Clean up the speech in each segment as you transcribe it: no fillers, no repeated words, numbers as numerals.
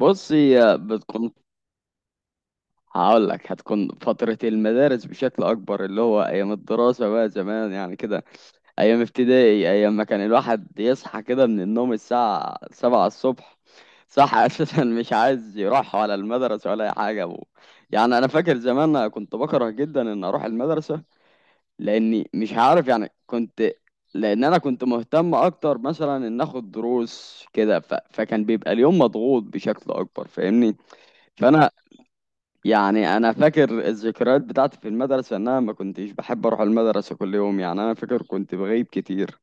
بص هي بتكون هقول لك هتكون فترة المدارس بشكل أكبر، اللي هو أيام الدراسة بقى زمان يعني كده، أيام ابتدائي، أيام ما كان الواحد يصحى كده من النوم الساعة 7 الصبح، صح. أساسا مش عايز يروح ولا المدرسة ولا أي حاجة يعني أنا فاكر زمان أنا كنت بكره جدا إن أروح المدرسة، لأني مش عارف، يعني كنت. لأن أنا كنت مهتم أكتر مثلا إن آخد دروس كده، فكان بيبقى اليوم مضغوط بشكل أكبر، فاهمني؟ فانا، يعني انا فاكر الذكريات بتاعتي في المدرسه، ان انا ما كنتش بحب اروح المدرسه كل يوم، يعني انا فاكر كنت بغيب كتير.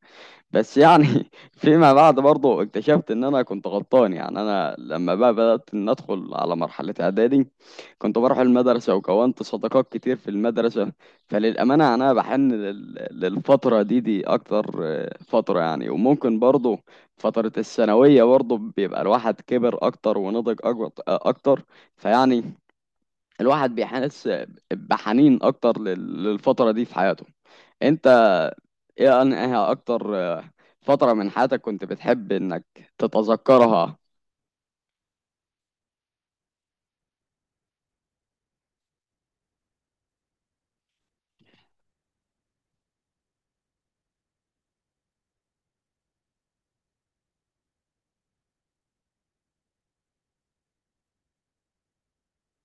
بس يعني فيما بعد برضه اكتشفت ان انا كنت غلطان. يعني انا لما بقى بدات ان ادخل على مرحله اعدادي، كنت بروح المدرسه وكونت صداقات كتير في المدرسه. فللامانه انا بحن للفتره دي اكتر، آه، فتره يعني، وممكن برضه فتره الثانويه برضه بيبقى الواحد كبر اكتر ونضج اكتر، فيعني الواحد بيحس بحنين اكتر للفترة دي في حياته. انت ايه، انها اكتر آه، فترة من حياتك كنت بتحب انك تتذكرها؟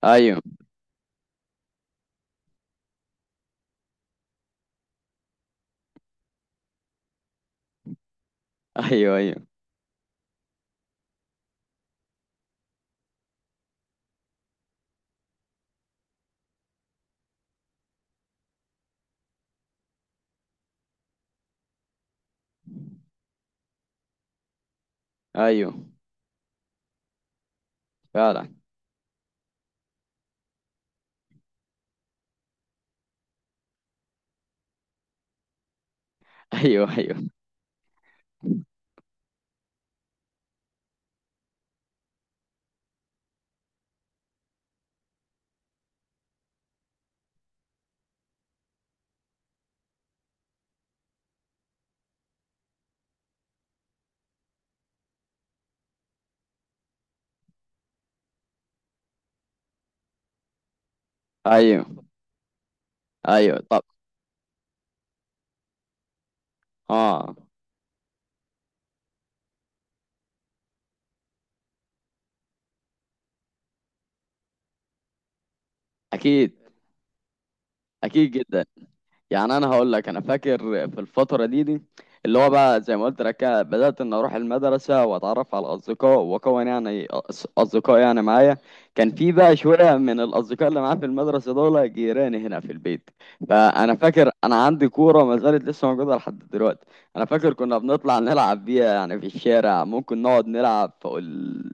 ايوه، ايوه، ايوه، ايوه. فعلا. ايوه، ايوه، ايوه، ايوه، طب. اه. اكيد، اكيد جدا. يعني انا هقول لك، انا فاكر في الفتره دي، اللي هو بقى زي ما قلت لك كده، بدات ان اروح المدرسه واتعرف على الاصدقاء، واكون يعني اصدقاء يعني معايا. كان في بقى شويه من الاصدقاء اللي معايا في المدرسه دول جيراني هنا في البيت. فانا فاكر انا عندي كوره ما زالت لسه موجوده لحد دلوقتي. انا فاكر كنا بنطلع نلعب بيها يعني في الشارع، ممكن نقعد نلعب فوق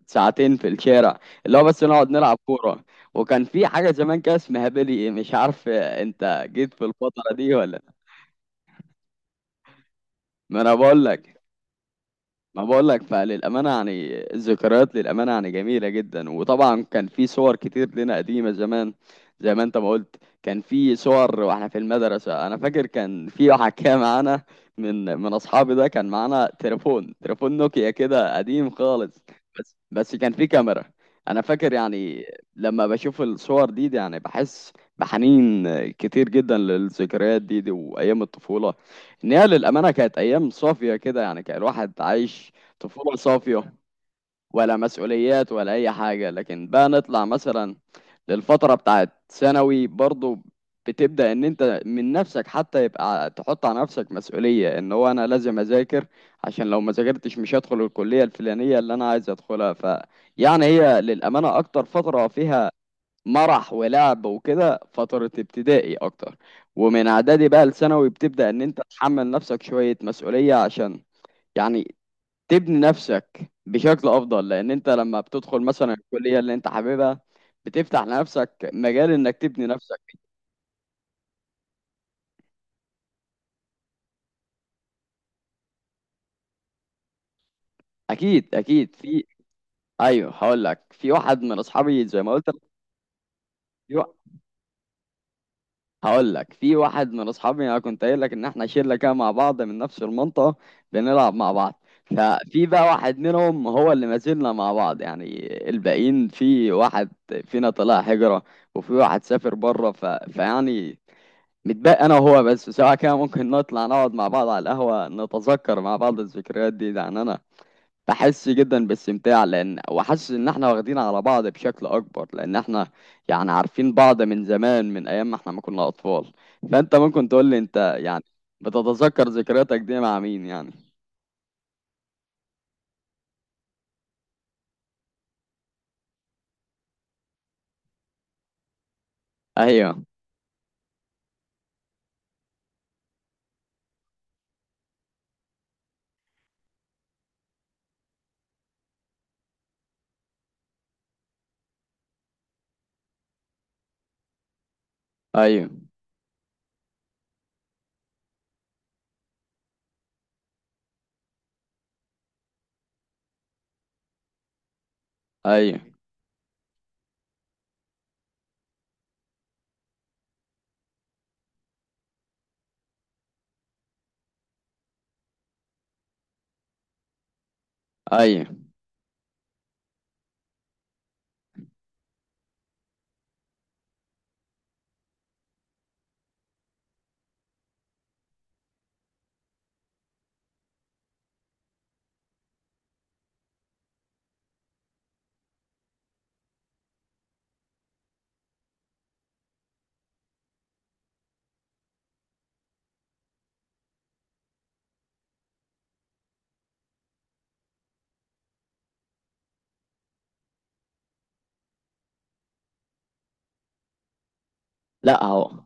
ساعتين في الشارع، اللي هو بس نقعد نلعب كوره. وكان في حاجة زمان كده اسمها بيلي، إيه، مش عارف انت جيت في الفترة دي ولا لأ. ما انا بقول لك، ما بقول لك، فللأمانة يعني الذكريات للأمانة يعني جميلة جدا. وطبعا كان في صور كتير لنا قديمة زمان، زي ما انت ما قلت. كان في صور واحنا في المدرسة، انا فاكر كان في واحد كان معانا، من اصحابي ده، كان معانا تليفون، تليفون نوكيا كده قديم خالص، بس كان في كاميرا. انا فاكر يعني لما بشوف الصور دي يعني بحس بحنين كتير جدا للذكريات دي وايام الطفولة، ان هي للامانه كانت ايام صافيه كده، يعني كان الواحد عايش طفوله صافيه، ولا مسؤوليات ولا اي حاجه. لكن بقى نطلع مثلا للفتره بتاعت ثانوي برضو، بتبدا ان انت من نفسك حتى يبقى تحط على نفسك مسؤوليه، ان هو انا لازم اذاكر عشان لو ما ذاكرتش مش هدخل الكليه الفلانيه اللي انا عايز ادخلها. ف يعني هي للامانه اكتر فتره فيها مرح ولعب وكده فترة ابتدائي أكتر، ومن إعدادي بقى لثانوي بتبدأ إن أنت تحمل نفسك شوية مسؤولية عشان يعني تبني نفسك بشكل أفضل، لأن أنت لما بتدخل مثلا الكلية اللي أنت حاببها بتفتح لنفسك مجال إنك تبني نفسك. أكيد، أكيد في. أيوه، هقول لك في واحد من أصحابي زي ما قلت لك. هقول لك في واحد من اصحابي، انا كنت قايل لك ان احنا شله كده مع بعض من نفس المنطقه، بنلعب مع بعض، ففي بقى واحد منهم هو اللي ما زلنا مع بعض. يعني الباقيين في واحد فينا طلع هجره، وفي واحد سافر بره، فيعني متبقى انا وهو بس سواء، كده ممكن نطلع نقعد مع بعض على القهوه، نتذكر مع بعض الذكريات دي. يعني انا بحس جدا باستمتاع، لان وحاسس ان احنا واخدين على بعض بشكل اكبر، لان احنا يعني عارفين بعض من زمان، من ايام ما احنا ما كنا اطفال. فانت ممكن تقول لي، انت يعني بتتذكر ذكرياتك دي مع مين يعني؟ ايوه، ايوه، ايوه، ايوه. لا هو،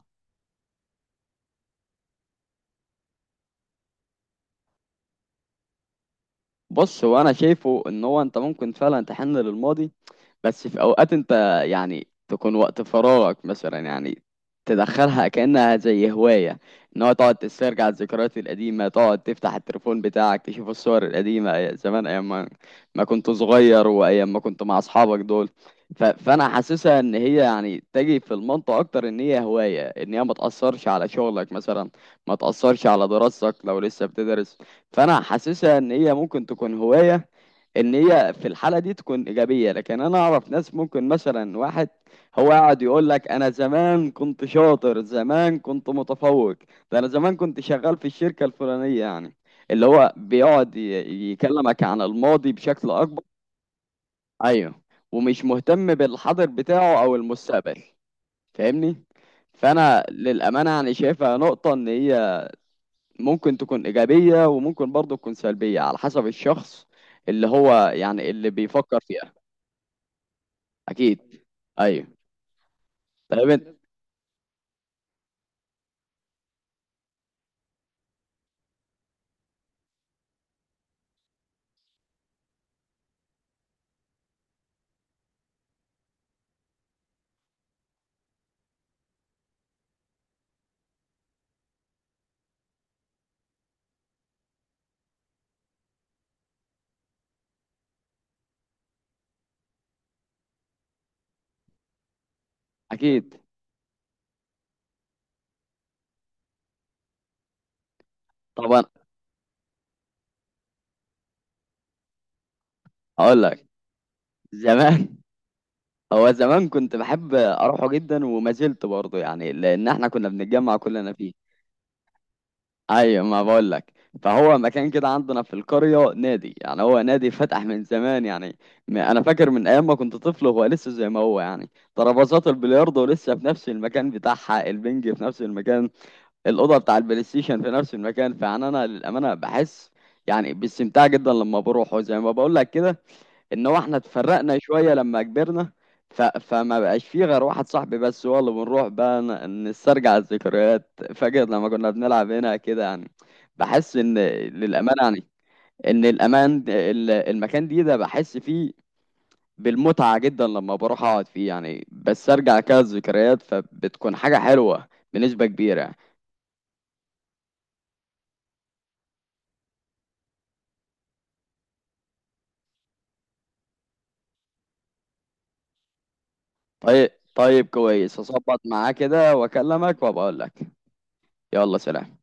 بص هو انا شايفه ان هو انت ممكن فعلا تحن للماضي، بس في اوقات انت يعني تكون وقت فراغك مثلا، يعني تدخلها كأنها زي هواية، ان هو تقعد تسترجع الذكريات القديمة، تقعد تفتح التليفون بتاعك تشوف الصور القديمة، زمان ايام ما ما كنت صغير، وايام ما كنت مع اصحابك دول. فانا حاسسها ان هي يعني تجي في المنطقة اكتر ان هي هواية، ان هي ما تأثرش على شغلك مثلا، ما تأثرش على دراستك لو لسه بتدرس. فانا حاسسها ان هي ممكن تكون هواية، ان هي في الحاله دي تكون ايجابيه. لكن انا اعرف ناس ممكن مثلا، واحد هو قاعد يقول لك انا زمان كنت شاطر، زمان كنت متفوق، ده انا زمان كنت شغال في الشركه الفلانيه، يعني اللي هو بيقعد يكلمك عن الماضي بشكل اكبر، ايوه، ومش مهتم بالحاضر بتاعه او المستقبل، فاهمني. فانا للامانه يعني شايفها نقطه ان هي ممكن تكون ايجابيه وممكن برضه تكون سلبيه، على حسب الشخص اللي هو يعني اللي بيفكر فيها. اكيد. ايوه. طيب انت، اكيد، طبعا. هقول لك، زمان، هو زمان كنت بحب اروحه جدا، وما زلت برضه يعني، لان احنا كنا بنتجمع كلنا فيه. ايوه، ما بقول لك، فهو مكان كده عندنا في القريه، نادي، يعني هو نادي فتح من زمان يعني. انا فاكر من ايام ما كنت طفل هو لسه زي ما هو يعني، ترابيزات البلياردو لسه في نفس المكان بتاعها، البنج في نفس المكان، الاوضه بتاع البلاي ستيشن في نفس المكان. فيعني انا للامانه بحس يعني باستمتاع جدا لما بروح، وزي ما بقول لك كده ان هو احنا اتفرقنا شويه لما كبرنا، فما بقاش فيه غير واحد صاحبي بس هو اللي بنروح بقى نسترجع الذكريات، فاكر لما كنا بنلعب هنا كده يعني. بحس ان للامانه يعني ان المكان دي ده بحس فيه بالمتعه جدا لما بروح اقعد فيه، يعني بسترجع كده الذكريات، فبتكون حاجه حلوه بنسبه كبيره يعني. طيب، طيب، كويس، هظبط معاه كده واكلمك وابقى اقول لك. يلا سلام.